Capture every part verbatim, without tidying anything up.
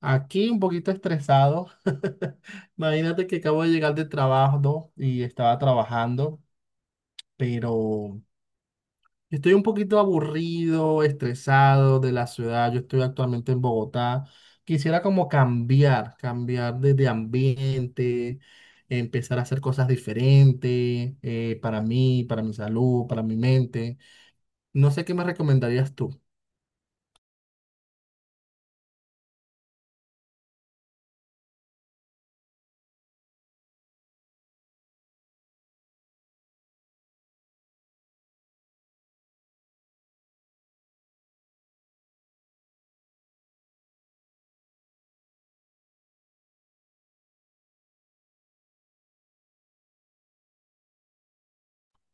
Aquí un poquito estresado. Imagínate que acabo de llegar del trabajo, ¿no? Y estaba trabajando, pero estoy un poquito aburrido, estresado de la ciudad. Yo estoy actualmente en Bogotá. Quisiera como cambiar, cambiar de, de ambiente, empezar a hacer cosas diferentes, eh, para mí, para mi salud, para mi mente. No sé qué me recomendarías tú.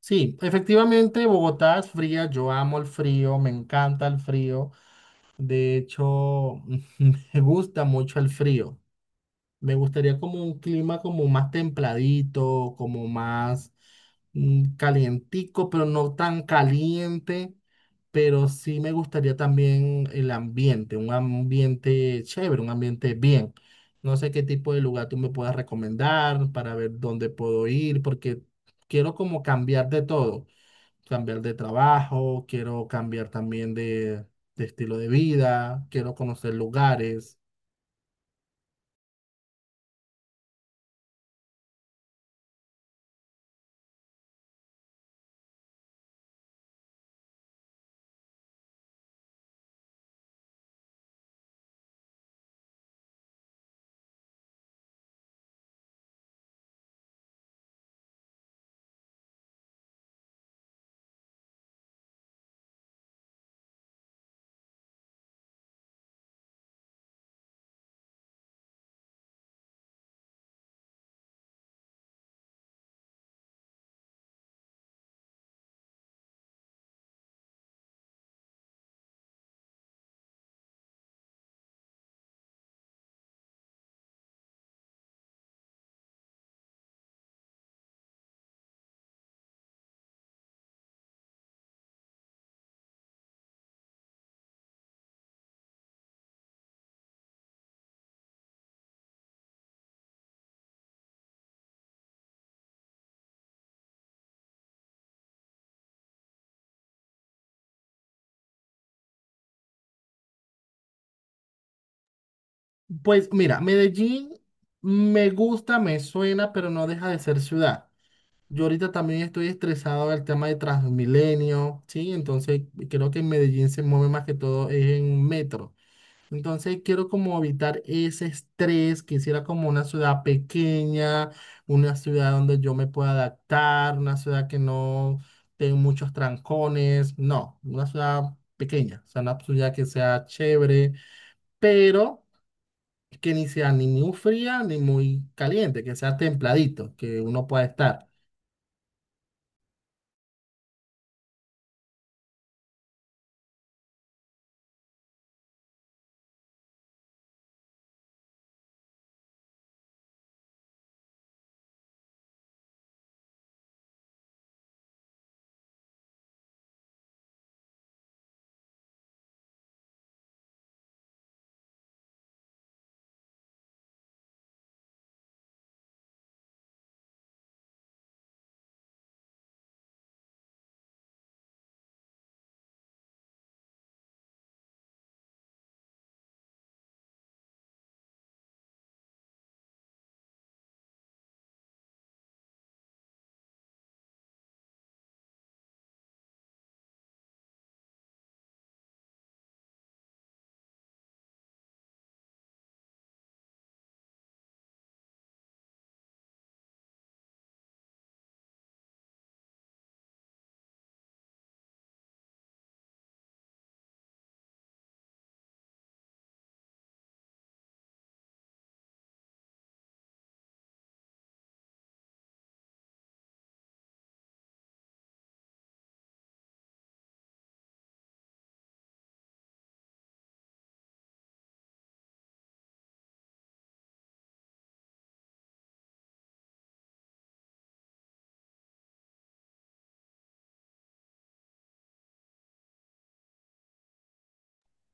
Sí, efectivamente Bogotá es fría, yo amo el frío, me encanta el frío. De hecho, me gusta mucho el frío. Me gustaría como un clima como más templadito, como más mm, calientico, pero no tan caliente. Pero sí me gustaría también el ambiente, un ambiente chévere, un ambiente bien. No sé qué tipo de lugar tú me puedas recomendar para ver dónde puedo ir, porque quiero como cambiar de todo, cambiar de trabajo, quiero cambiar también de, de estilo de vida, quiero conocer lugares. Pues mira, Medellín me gusta, me suena, pero no deja de ser ciudad. Yo ahorita también estoy estresado del tema de Transmilenio, ¿sí? Entonces creo que en Medellín se mueve más que todo es en metro. Entonces quiero como evitar ese estrés, quisiera como una ciudad pequeña, una ciudad donde yo me pueda adaptar, una ciudad que no tenga muchos trancones, no, una ciudad pequeña, o sea, una ciudad que sea chévere, pero que ni sea ni muy fría ni muy caliente, que sea templadito, que uno pueda estar.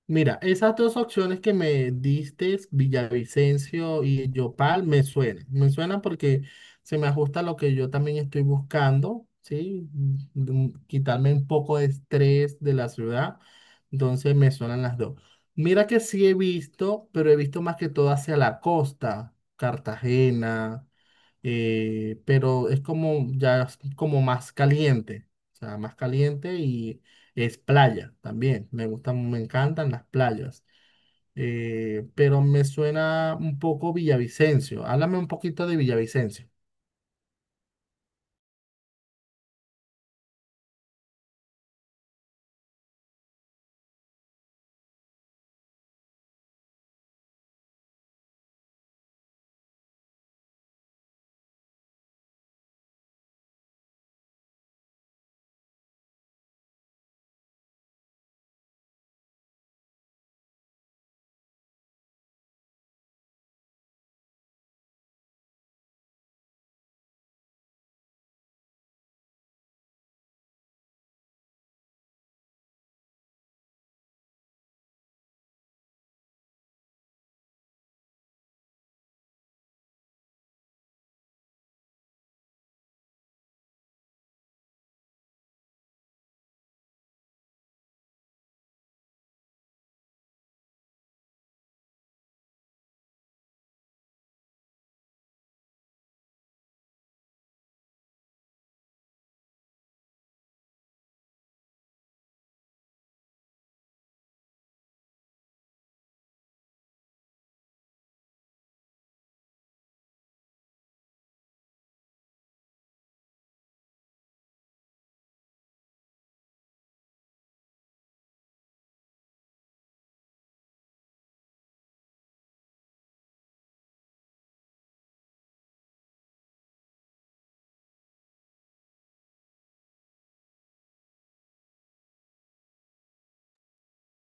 Mira, esas dos opciones que me diste, Villavicencio y Yopal, me suenan. Me suenan porque se me ajusta a lo que yo también estoy buscando, ¿sí? Mm, quitarme un poco de estrés de la ciudad. Entonces me suenan las dos. Mira que sí he visto, pero he visto más que todo hacia la costa, Cartagena, eh, pero es como ya es como más caliente, o sea, más caliente y es playa también. Me gustan, me encantan las playas, eh, pero me suena un poco Villavicencio. Háblame un poquito de Villavicencio.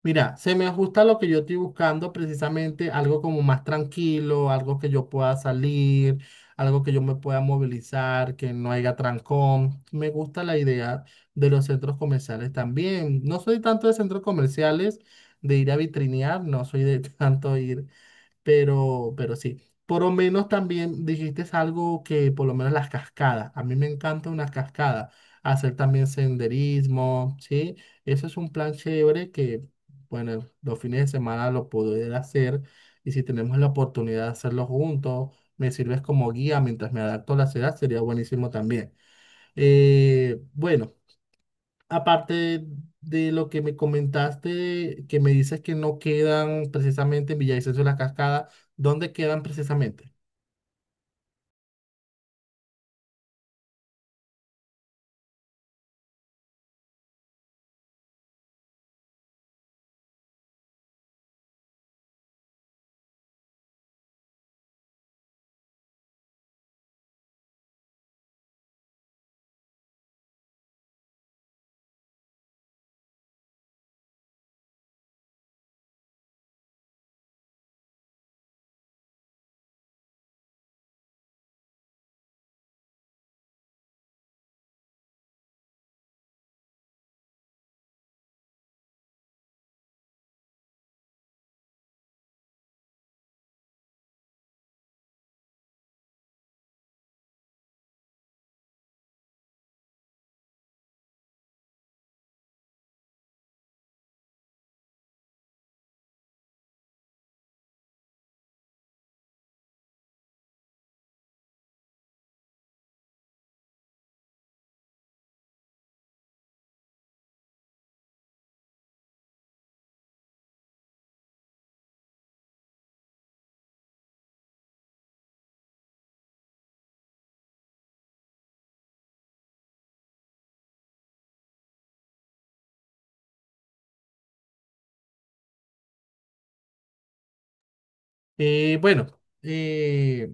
Mira, se me ajusta lo que yo estoy buscando, precisamente algo como más tranquilo, algo que yo pueda salir, algo que yo me pueda movilizar, que no haya trancón. Me gusta la idea de los centros comerciales también. No soy tanto de centros comerciales, de ir a vitrinear, no soy de tanto ir, pero, pero sí. Por lo menos también dijiste algo que, por lo menos las cascadas. A mí me encanta una cascada. Hacer también senderismo, ¿sí? Eso es un plan chévere que, bueno, los fines de semana lo poder hacer. Y si tenemos la oportunidad de hacerlo juntos, me sirves como guía mientras me adapto a la ciudad, sería buenísimo también. Eh, bueno, aparte de lo que me comentaste, que me dices que no quedan precisamente en Villavicencio de la cascada, ¿dónde quedan precisamente? Eh, bueno, eh,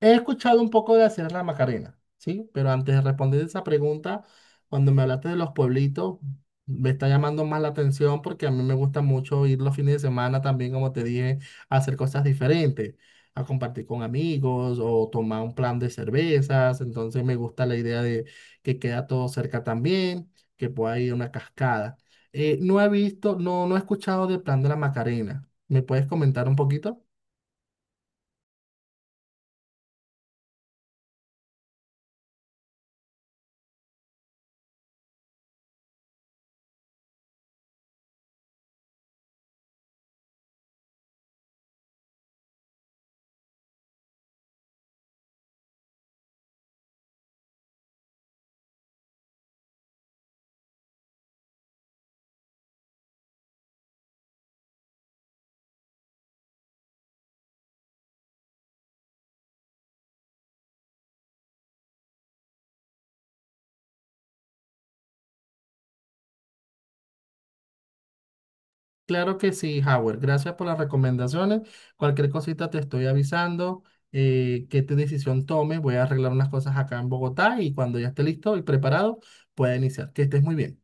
He escuchado un poco de hacer la Macarena, ¿sí? Pero antes de responder esa pregunta, cuando me hablaste de los pueblitos, me está llamando más la atención porque a mí me gusta mucho ir los fines de semana también, como te dije, a hacer cosas diferentes, a compartir con amigos o tomar un plan de cervezas. Entonces me gusta la idea de que queda todo cerca también, que pueda ir a una cascada. Eh, no he visto, no, no he escuchado del plan de la Macarena. ¿Me puedes comentar un poquito? Claro que sí, Howard. Gracias por las recomendaciones. Cualquier cosita te estoy avisando, eh, qué te decisión tome. Voy a arreglar unas cosas acá en Bogotá y cuando ya esté listo y preparado, pueda iniciar. Que estés muy bien.